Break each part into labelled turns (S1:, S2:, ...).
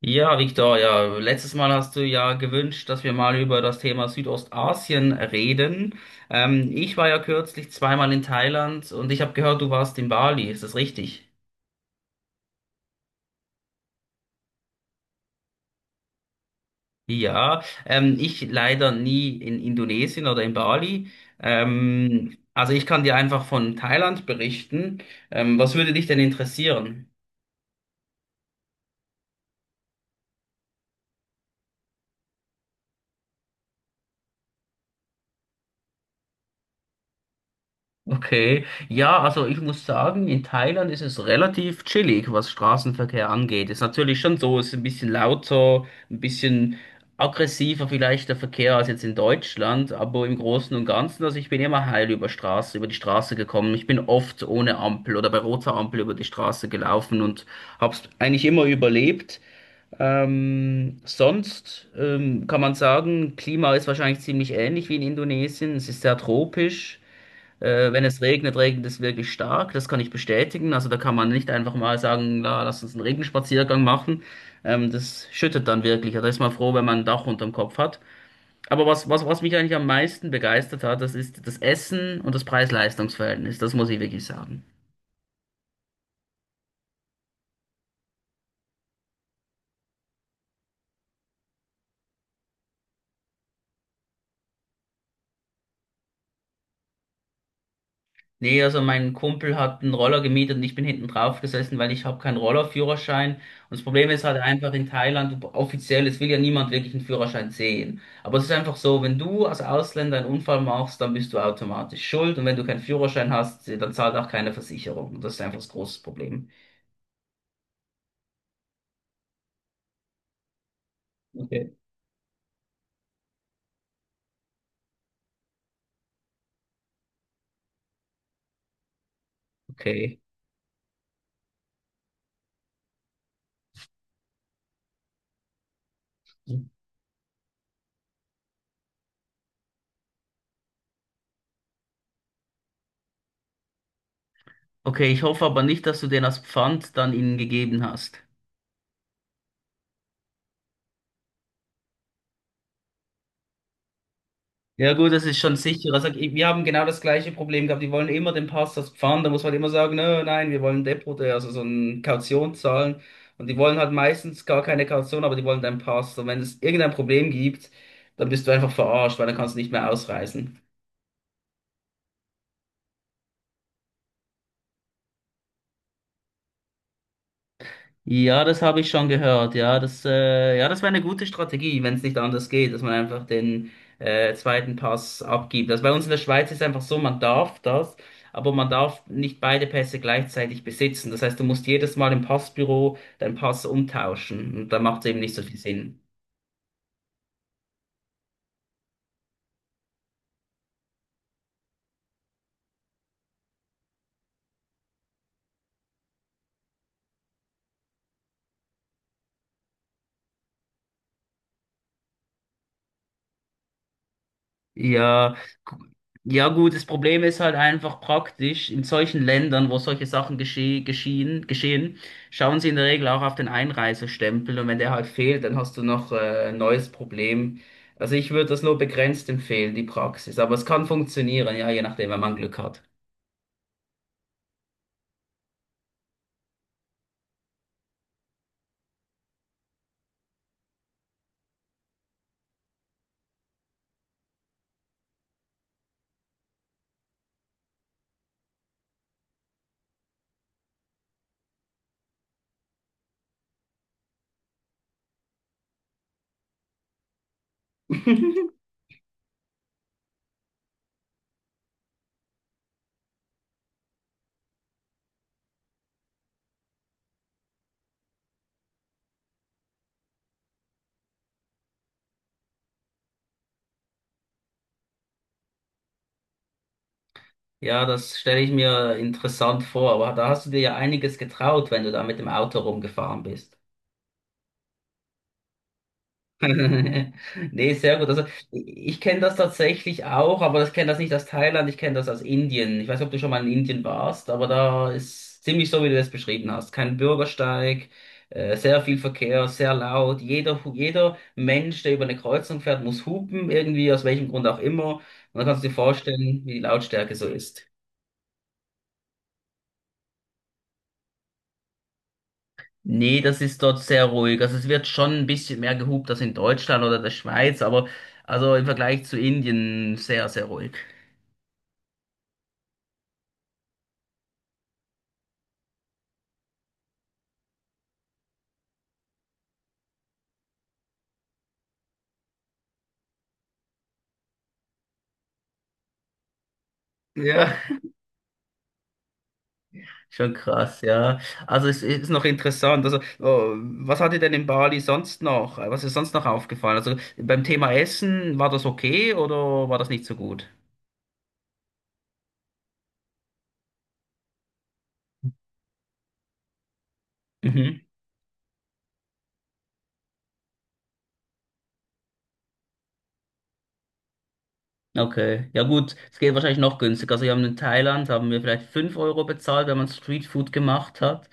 S1: Ja, Victor, ja, letztes Mal hast du ja gewünscht, dass wir mal über das Thema Südostasien reden. Ich war ja kürzlich zweimal in Thailand und ich habe gehört, du warst in Bali. Ist das richtig? Ja, ich leider nie in Indonesien oder in Bali. Also ich kann dir einfach von Thailand berichten. Was würde dich denn interessieren? Okay, ja, also ich muss sagen, in Thailand ist es relativ chillig, was Straßenverkehr angeht. Ist natürlich schon so, ist ein bisschen lauter, ein bisschen aggressiver vielleicht der Verkehr als jetzt in Deutschland, aber im Großen und Ganzen, also ich bin immer heil über Straße, über die Straße gekommen. Ich bin oft ohne Ampel oder bei roter Ampel über die Straße gelaufen und hab's eigentlich immer überlebt. Sonst kann man sagen, Klima ist wahrscheinlich ziemlich ähnlich wie in Indonesien. Es ist sehr tropisch. Wenn es regnet, regnet es wirklich stark. Das kann ich bestätigen. Also da kann man nicht einfach mal sagen, na, lass uns einen Regenspaziergang machen. Das schüttet dann wirklich. Also da ist man froh, wenn man ein Dach unterm Kopf hat. Aber was mich eigentlich am meisten begeistert hat, das ist das Essen und das Preis-Leistungs-Verhältnis. Das muss ich wirklich sagen. Nee, also mein Kumpel hat einen Roller gemietet und ich bin hinten drauf gesessen, weil ich habe keinen Rollerführerschein. Und das Problem ist halt einfach in Thailand, offiziell, es will ja niemand wirklich einen Führerschein sehen. Aber es ist einfach so, wenn du als Ausländer einen Unfall machst, dann bist du automatisch schuld. Und wenn du keinen Führerschein hast, dann zahlt auch keine Versicherung. Und das ist einfach das große Problem. Okay. Okay. Okay, ich hoffe aber nicht, dass du den als Pfand dann ihnen gegeben hast. Ja gut, das ist schon sicher. Sag, wir haben genau das gleiche Problem gehabt. Die wollen immer den Pastors Pfand. Da muss man halt immer sagen, nö, nein, wir wollen Depot, also so eine Kaution zahlen. Und die wollen halt meistens gar keine Kaution, aber die wollen deinen Pass. Und wenn es irgendein Problem gibt, dann bist du einfach verarscht, weil dann kannst du nicht mehr ausreisen. Ja, das habe ich schon gehört. Ja, das wäre eine gute Strategie, wenn es nicht anders geht, dass man einfach den zweiten Pass abgibt. Also bei uns in der Schweiz ist einfach so, man darf das, aber man darf nicht beide Pässe gleichzeitig besitzen. Das heißt, du musst jedes Mal im Passbüro deinen Pass umtauschen und da macht es eben nicht so viel Sinn. Ja, gu- ja gut, das Problem ist halt einfach praktisch, in solchen Ländern, wo solche Sachen geschehen, schauen sie in der Regel auch auf den Einreisestempel und wenn der halt fehlt, dann hast du noch ein neues Problem. Also ich würde das nur begrenzt empfehlen, die Praxis, aber es kann funktionieren, ja, je nachdem, wenn man Glück hat. Ja, das stelle ich mir interessant vor, aber da hast du dir ja einiges getraut, wenn du da mit dem Auto rumgefahren bist. Nee, sehr gut. Also ich kenne das tatsächlich auch, aber ich kenne das nicht aus Thailand, ich kenne das aus Indien. Ich weiß nicht, ob du schon mal in Indien warst, aber da ist ziemlich so, wie du das beschrieben hast. Kein Bürgersteig, sehr viel Verkehr, sehr laut. Jeder Mensch, der über eine Kreuzung fährt, muss hupen, irgendwie, aus welchem Grund auch immer. Und dann kannst du dir vorstellen, wie die Lautstärke so ist. Nee, das ist dort sehr ruhig. Also es wird schon ein bisschen mehr gehupt als in Deutschland oder der Schweiz, aber also im Vergleich zu Indien sehr, sehr ruhig. Ja, schon krass, ja. Also es ist noch interessant. Also, oh, was hat dir denn in Bali sonst noch? Was ist sonst noch aufgefallen? Also beim Thema Essen, war das okay oder war das nicht so gut? Mhm. Okay. Ja gut, es geht wahrscheinlich noch günstiger. Also wir haben in Thailand, haben wir vielleicht 5 Euro bezahlt, wenn man Streetfood gemacht hat.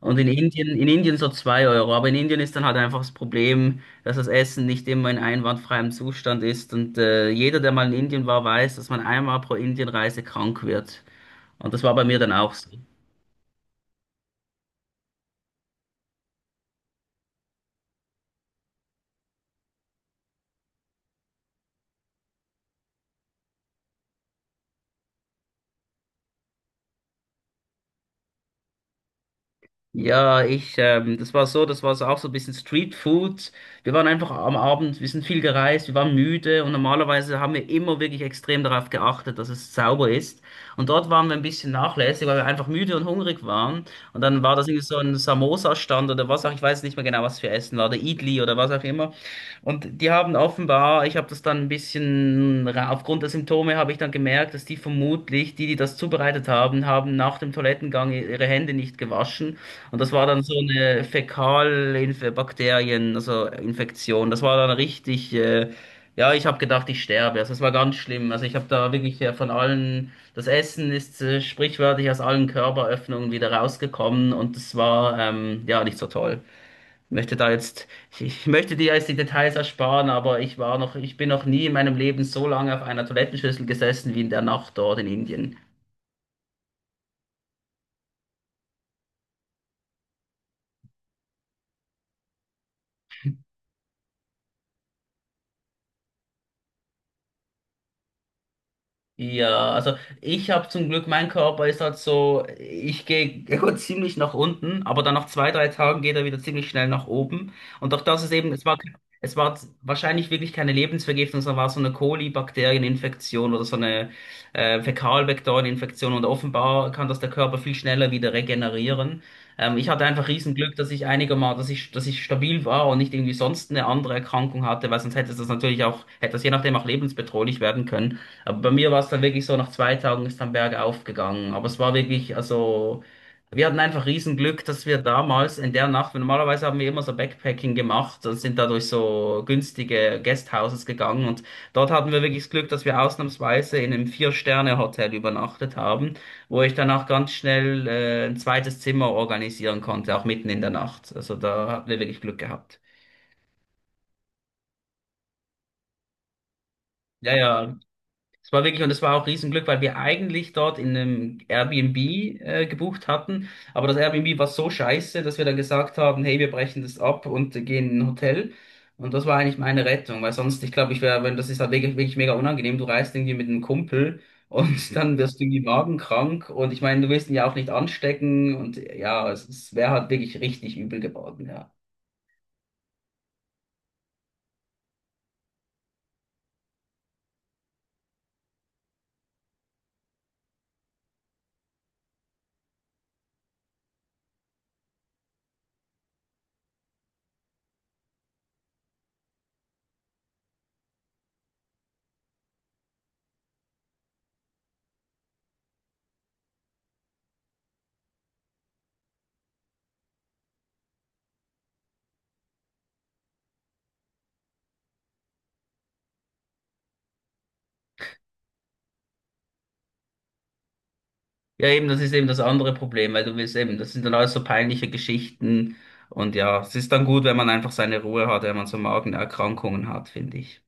S1: Und in Indien so 2 Euro. Aber in Indien ist dann halt einfach das Problem, dass das Essen nicht immer in einwandfreiem Zustand ist. Und jeder, der mal in Indien war, weiß, dass man einmal pro Indienreise krank wird. Und das war bei mir dann auch so. Ja, das war so auch so ein bisschen Street Food. Wir waren einfach am Abend, wir sind viel gereist, wir waren müde und normalerweise haben wir immer wirklich extrem darauf geachtet, dass es sauber ist. Und dort waren wir ein bisschen nachlässig, weil wir einfach müde und hungrig waren. Und dann war das irgendwie so ein Samosa-Stand oder was auch, ich weiß nicht mehr genau, was für Essen war, der Idli oder was auch immer. Und die haben offenbar, ich habe das dann ein bisschen, aufgrund der Symptome habe ich dann gemerkt, dass die vermutlich, die das zubereitet haben, haben nach dem Toilettengang ihre Hände nicht gewaschen. Und das war dann so eine Fäkalbakterien, also Infektion. Das war dann richtig, ja, ich habe gedacht, ich sterbe. Also es war ganz schlimm. Also ich habe da wirklich von allen, das Essen ist sprichwörtlich aus allen Körperöffnungen wieder rausgekommen und das war ja nicht so toll. Ich möchte da jetzt, ich möchte dir jetzt die Details ersparen, aber ich bin noch nie in meinem Leben so lange auf einer Toilettenschüssel gesessen wie in der Nacht dort in Indien. Ja, also ich habe zum Glück, mein Körper ist halt so, ich gehe er geht ziemlich nach unten, aber dann nach 2, 3 Tagen geht er wieder ziemlich schnell nach oben. Und auch das ist eben, es war wahrscheinlich wirklich keine Lebensvergiftung, sondern war so eine Kolibakterieninfektion oder so eine Fäkalvektoreninfektion und offenbar kann das der Körper viel schneller wieder regenerieren. Ich hatte einfach Riesenglück, dass ich einigermaßen, dass ich stabil war und nicht irgendwie sonst eine andere Erkrankung hatte, weil sonst hätte das natürlich auch, hätte das je nachdem auch lebensbedrohlich werden können. Aber bei mir war es dann wirklich so, nach 2 Tagen ist dann bergauf gegangen. Aber es war wirklich, also, wir hatten einfach Riesenglück, dass wir damals in der Nacht, weil normalerweise haben wir immer so Backpacking gemacht und sind da durch so günstige Guesthouses gegangen. Und dort hatten wir wirklich das Glück, dass wir ausnahmsweise in einem 4-Sterne-Hotel übernachtet haben, wo ich danach ganz schnell ein zweites Zimmer organisieren konnte, auch mitten in der Nacht. Also da hatten wir wirklich Glück gehabt. Ja, es war wirklich, und es war auch Riesenglück, weil wir eigentlich dort in einem Airbnb gebucht hatten. Aber das Airbnb war so scheiße, dass wir dann gesagt haben, hey, wir brechen das ab und gehen in ein Hotel. Und das war eigentlich meine Rettung, weil sonst, ich glaube, ich wäre, wenn das ist halt wirklich, wirklich mega unangenehm. Du reist irgendwie mit einem Kumpel und dann wirst du irgendwie magenkrank. Und ich meine, du willst ihn ja auch nicht anstecken. Und ja, es wäre halt wirklich richtig übel geworden, ja. Ja, eben, das ist eben das andere Problem, weil du willst eben, das sind dann alles so peinliche Geschichten und ja, es ist dann gut, wenn man einfach seine Ruhe hat, wenn man so Magenerkrankungen hat, finde ich.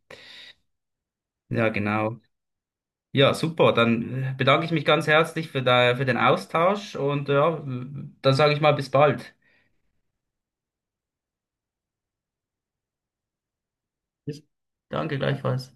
S1: Ja, genau. Ja, super, dann bedanke ich mich ganz herzlich für, da, für den Austausch und ja, dann sage ich mal bis bald. Bis- Danke gleichfalls.